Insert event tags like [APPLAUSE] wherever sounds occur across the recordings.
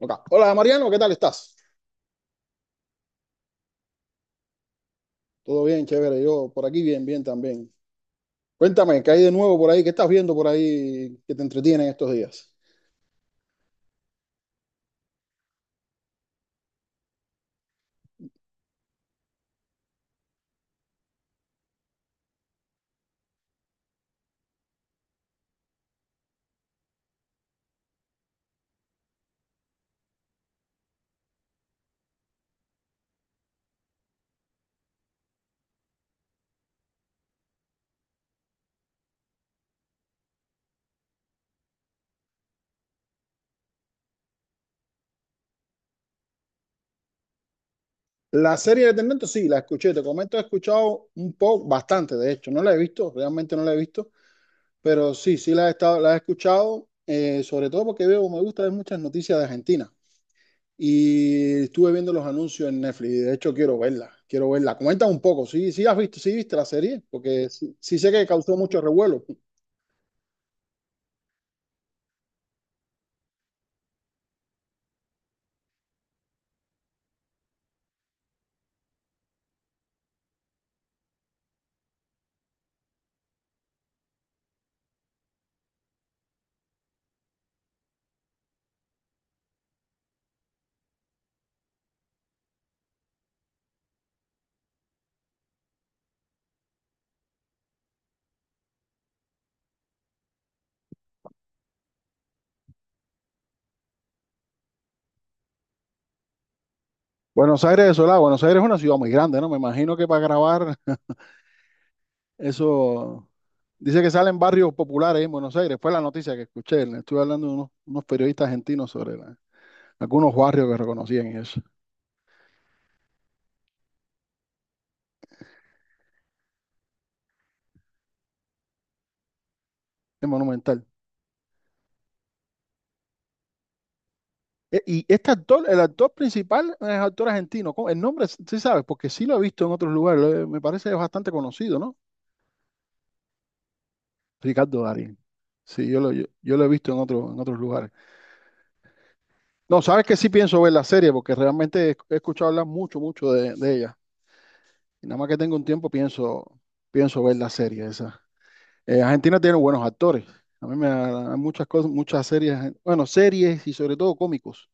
Ok. Hola Mariano, ¿qué tal estás? Todo bien, chévere. Yo por aquí bien también. Cuéntame, ¿qué hay de nuevo por ahí? ¿Qué estás viendo por ahí que te entretiene en estos días? La serie de Tendantes, sí, la escuché. Te comento, he escuchado un poco, bastante, de hecho. No la he visto, realmente no la he visto, pero sí la he estado, la he escuchado, sobre todo porque veo, me gusta ver muchas noticias de Argentina. Y estuve viendo los anuncios en Netflix. De hecho, quiero verla, quiero verla. Comenta un poco, sí, sí has visto, sí viste la serie, porque sí sé que causó mucho revuelo. Buenos Aires, Buenos Aires es una ciudad muy grande, ¿no? Me imagino que para grabar eso, dice que salen barrios populares en Buenos Aires, fue la noticia que escuché, le estuve hablando de unos periodistas argentinos sobre algunos barrios que reconocían y eso, es monumental. Y este actor, el actor principal es actor argentino, ¿cómo? El nombre, sí sabes, porque sí lo he visto en otros lugares, me parece bastante conocido, ¿no? Ricardo Darín. Sí, yo lo he visto en otros lugares. No, sabes que sí pienso ver la serie porque realmente he escuchado hablar mucho, mucho de ella. Y nada más que tengo un tiempo, pienso ver la serie esa. Argentina tiene buenos actores. A mí me hay muchas cosas, muchas series, bueno, series y sobre todo cómicos.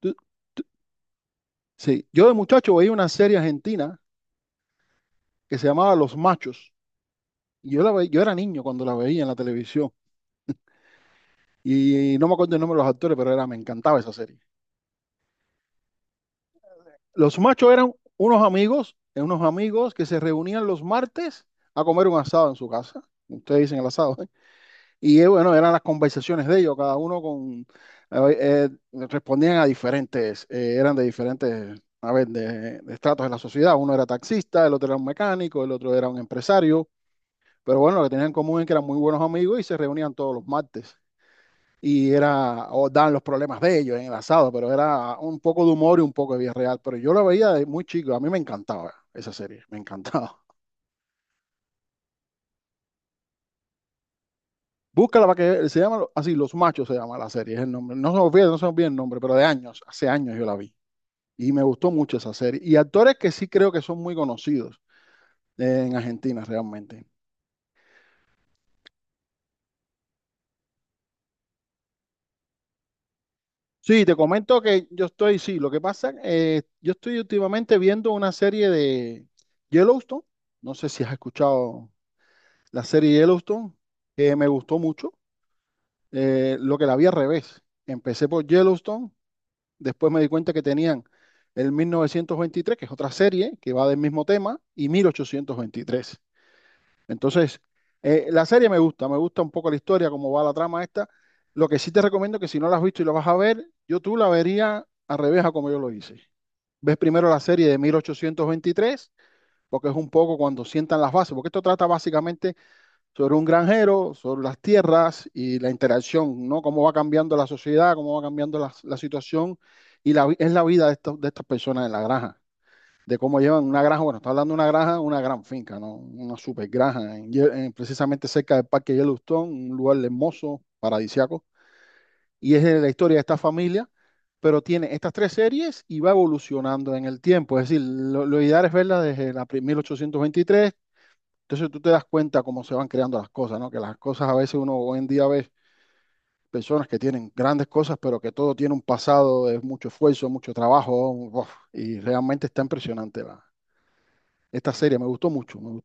Tú- sí, yo de muchacho veía una serie argentina que se llamaba Los Machos. Y yo era niño cuando la veía en la televisión. Y no me acuerdo el nombre de los actores, pero era, me encantaba esa serie. Los Machos eran unos amigos que se reunían los martes a comer un asado en su casa. Ustedes dicen el asado. ¿Eh? Y bueno, eran las conversaciones de ellos, cada uno con eh, eh, respondían a diferentes, eran de diferentes, a ver, de estratos de la sociedad. Uno era taxista, el otro era un mecánico, el otro era un empresario. Pero bueno, lo que tenían en común es que eran muy buenos amigos y se reunían todos los martes. Y era, o dan los problemas de ellos en el asado, pero era un poco de humor y un poco de vida real. Pero yo la veía de muy chico, a mí me encantaba esa serie, me encantaba. Búscala para que se llama así, Los Machos se llama la serie, es el nombre. No se me olvida, no se me olvida el nombre, pero de años, hace años yo la vi. Y me gustó mucho esa serie. Y actores que sí creo que son muy conocidos en Argentina realmente. Sí, te comento que yo estoy, sí, lo que pasa, yo estoy últimamente viendo una serie de Yellowstone. No sé si has escuchado la serie Yellowstone, que me gustó mucho. Lo que la vi al revés. Empecé por Yellowstone. Después me di cuenta que tenían el 1923 que es otra serie que va del mismo tema, y mil ochocientos veintitrés. Entonces, la serie me gusta un poco la historia, cómo va la trama esta. Lo que sí te recomiendo que si no la has visto y la vas a ver, yo tú la verías al revés a como yo lo hice. Ves primero la serie de 1823 porque es un poco cuando sientan las bases, porque esto trata básicamente sobre un granjero, sobre las tierras y la interacción, ¿no? Cómo va cambiando la sociedad, cómo va cambiando la situación y es la vida de, de estas personas en la granja, de cómo llevan una granja, bueno, está hablando de una granja, una gran finca, ¿no? Una super granja, en precisamente cerca del Parque Yellowstone, un lugar hermoso, paradisiaco, y es de la historia de esta familia, pero tiene estas tres series y va evolucionando en el tiempo, es decir, lo ideal es verla desde la mil ochocientos veintitrés. Entonces tú te das cuenta cómo se van creando las cosas, ¿no? Que las cosas a veces uno hoy en día ve personas que tienen grandes cosas, pero que todo tiene un pasado, es mucho esfuerzo, mucho trabajo, uf, y realmente está impresionante esta serie. Me gustó mucho,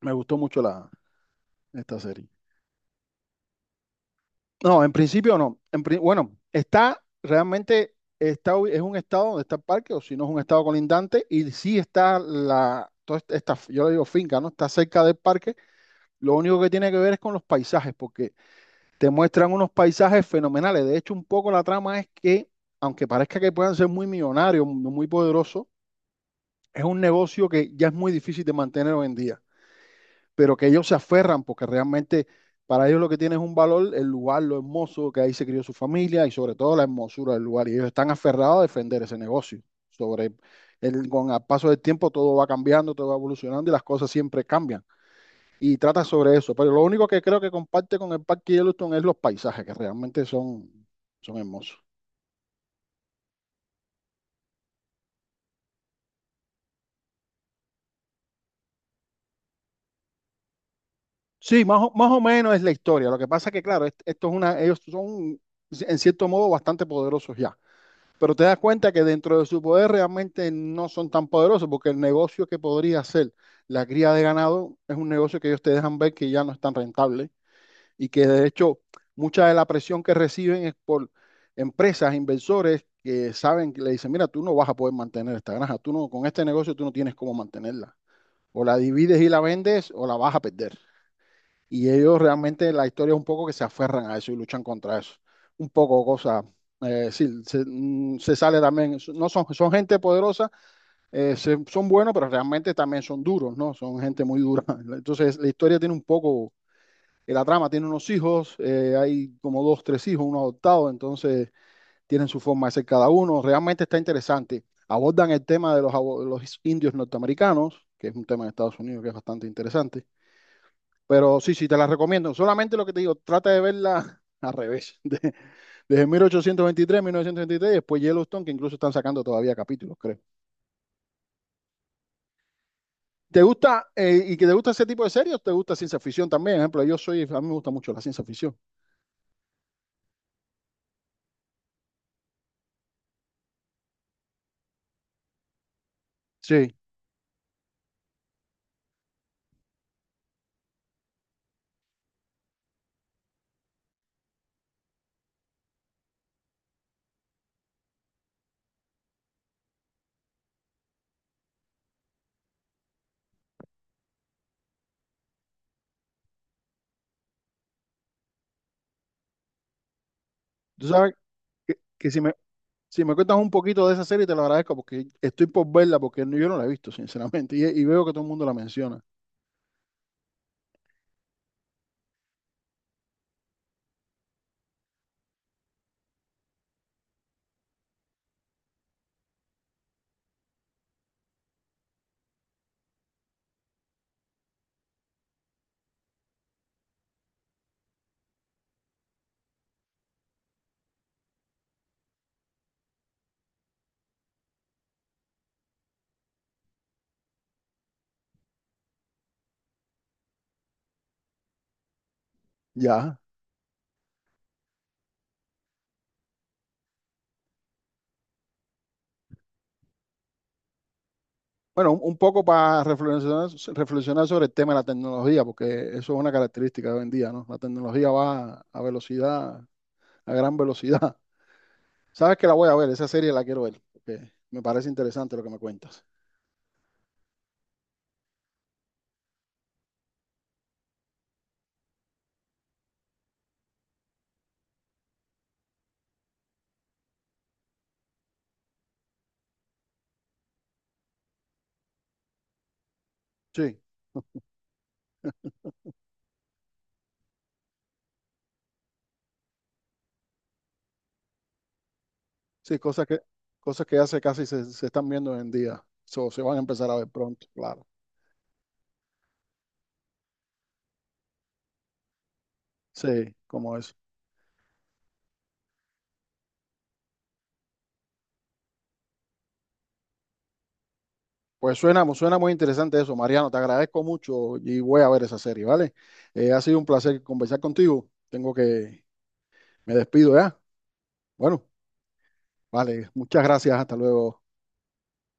me gustó mucho esta serie. No, en principio no. En bueno, está realmente, es un estado donde está el parque, o si no es un estado colindante, y sí está toda yo le digo finca, ¿no? Está cerca del parque. Lo único que tiene que ver es con los paisajes, porque te muestran unos paisajes fenomenales. De hecho, un poco la trama es que, aunque parezca que puedan ser muy millonarios, muy poderosos, es un negocio que ya es muy difícil de mantener hoy en día, pero que ellos se aferran porque realmente para ellos lo que tiene es un valor el lugar, lo hermoso que ahí se crió su familia y sobre todo la hermosura del lugar. Y ellos están aferrados a defender ese negocio. Sobre el, con el paso del tiempo todo va cambiando, todo va evolucionando y las cosas siempre cambian y trata sobre eso. Pero lo único que creo que comparte con el Parque Yellowstone es los paisajes, que realmente son, son hermosos. Sí, más o menos es la historia. Lo que pasa es que, claro, esto es una, ellos son, en cierto modo, bastante poderosos ya. Pero te das cuenta que dentro de su poder realmente no son tan poderosos, porque el negocio que podría ser la cría de ganado es un negocio que ellos te dejan ver que ya no es tan rentable y que de hecho mucha de la presión que reciben es por empresas, inversores que saben, que le dicen, mira, tú no vas a poder mantener esta granja, tú no, con este negocio tú no tienes cómo mantenerla. O la divides y la vendes o la vas a perder. Y ellos realmente la historia es un poco que se aferran a eso y luchan contra eso. Un poco cosa, sí, se sale también, no son, son gente poderosa, son buenos, pero realmente también son duros, ¿no? Son gente muy dura. [LAUGHS] Entonces la historia tiene un poco la trama tiene unos hijos, hay como dos, tres hijos, uno adoptado, entonces tienen su forma de ser cada uno. Realmente está interesante. Abordan el tema de los, los indios norteamericanos, que es un tema de Estados Unidos que es bastante interesante. Pero sí, sí, te la recomiendo. Solamente lo que te digo, trata de verla al revés. [LAUGHS] Desde 1823, 1923, y después Yellowstone, que incluso están sacando todavía capítulos, creo. ¿Te gusta, y que te gusta ese tipo de series, te gusta ciencia ficción también? Por ejemplo, yo soy, a mí me gusta mucho la ciencia ficción. Sí, tú sabes que si me, Si me cuentas un poquito de esa serie, te lo agradezco porque estoy por verla, porque yo no la he visto, sinceramente, y veo que todo el mundo la menciona. Ya. Bueno, un poco para reflexionar, reflexionar sobre el tema de la tecnología, porque eso es una característica de hoy en día, ¿no? La tecnología va a velocidad, a gran velocidad. [LAUGHS] Sabes que la voy a ver, esa serie la quiero ver, porque me parece interesante lo que me cuentas. Sí, sí, cosas que hace casi se están viendo hoy en día, so, se van a empezar a ver pronto, claro. Sí, como eso. Pues suena muy interesante eso, Mariano. Te agradezco mucho y voy a ver esa serie, ¿vale? Ha sido un placer conversar contigo. Me despido ya. Bueno, vale, muchas gracias. Hasta luego.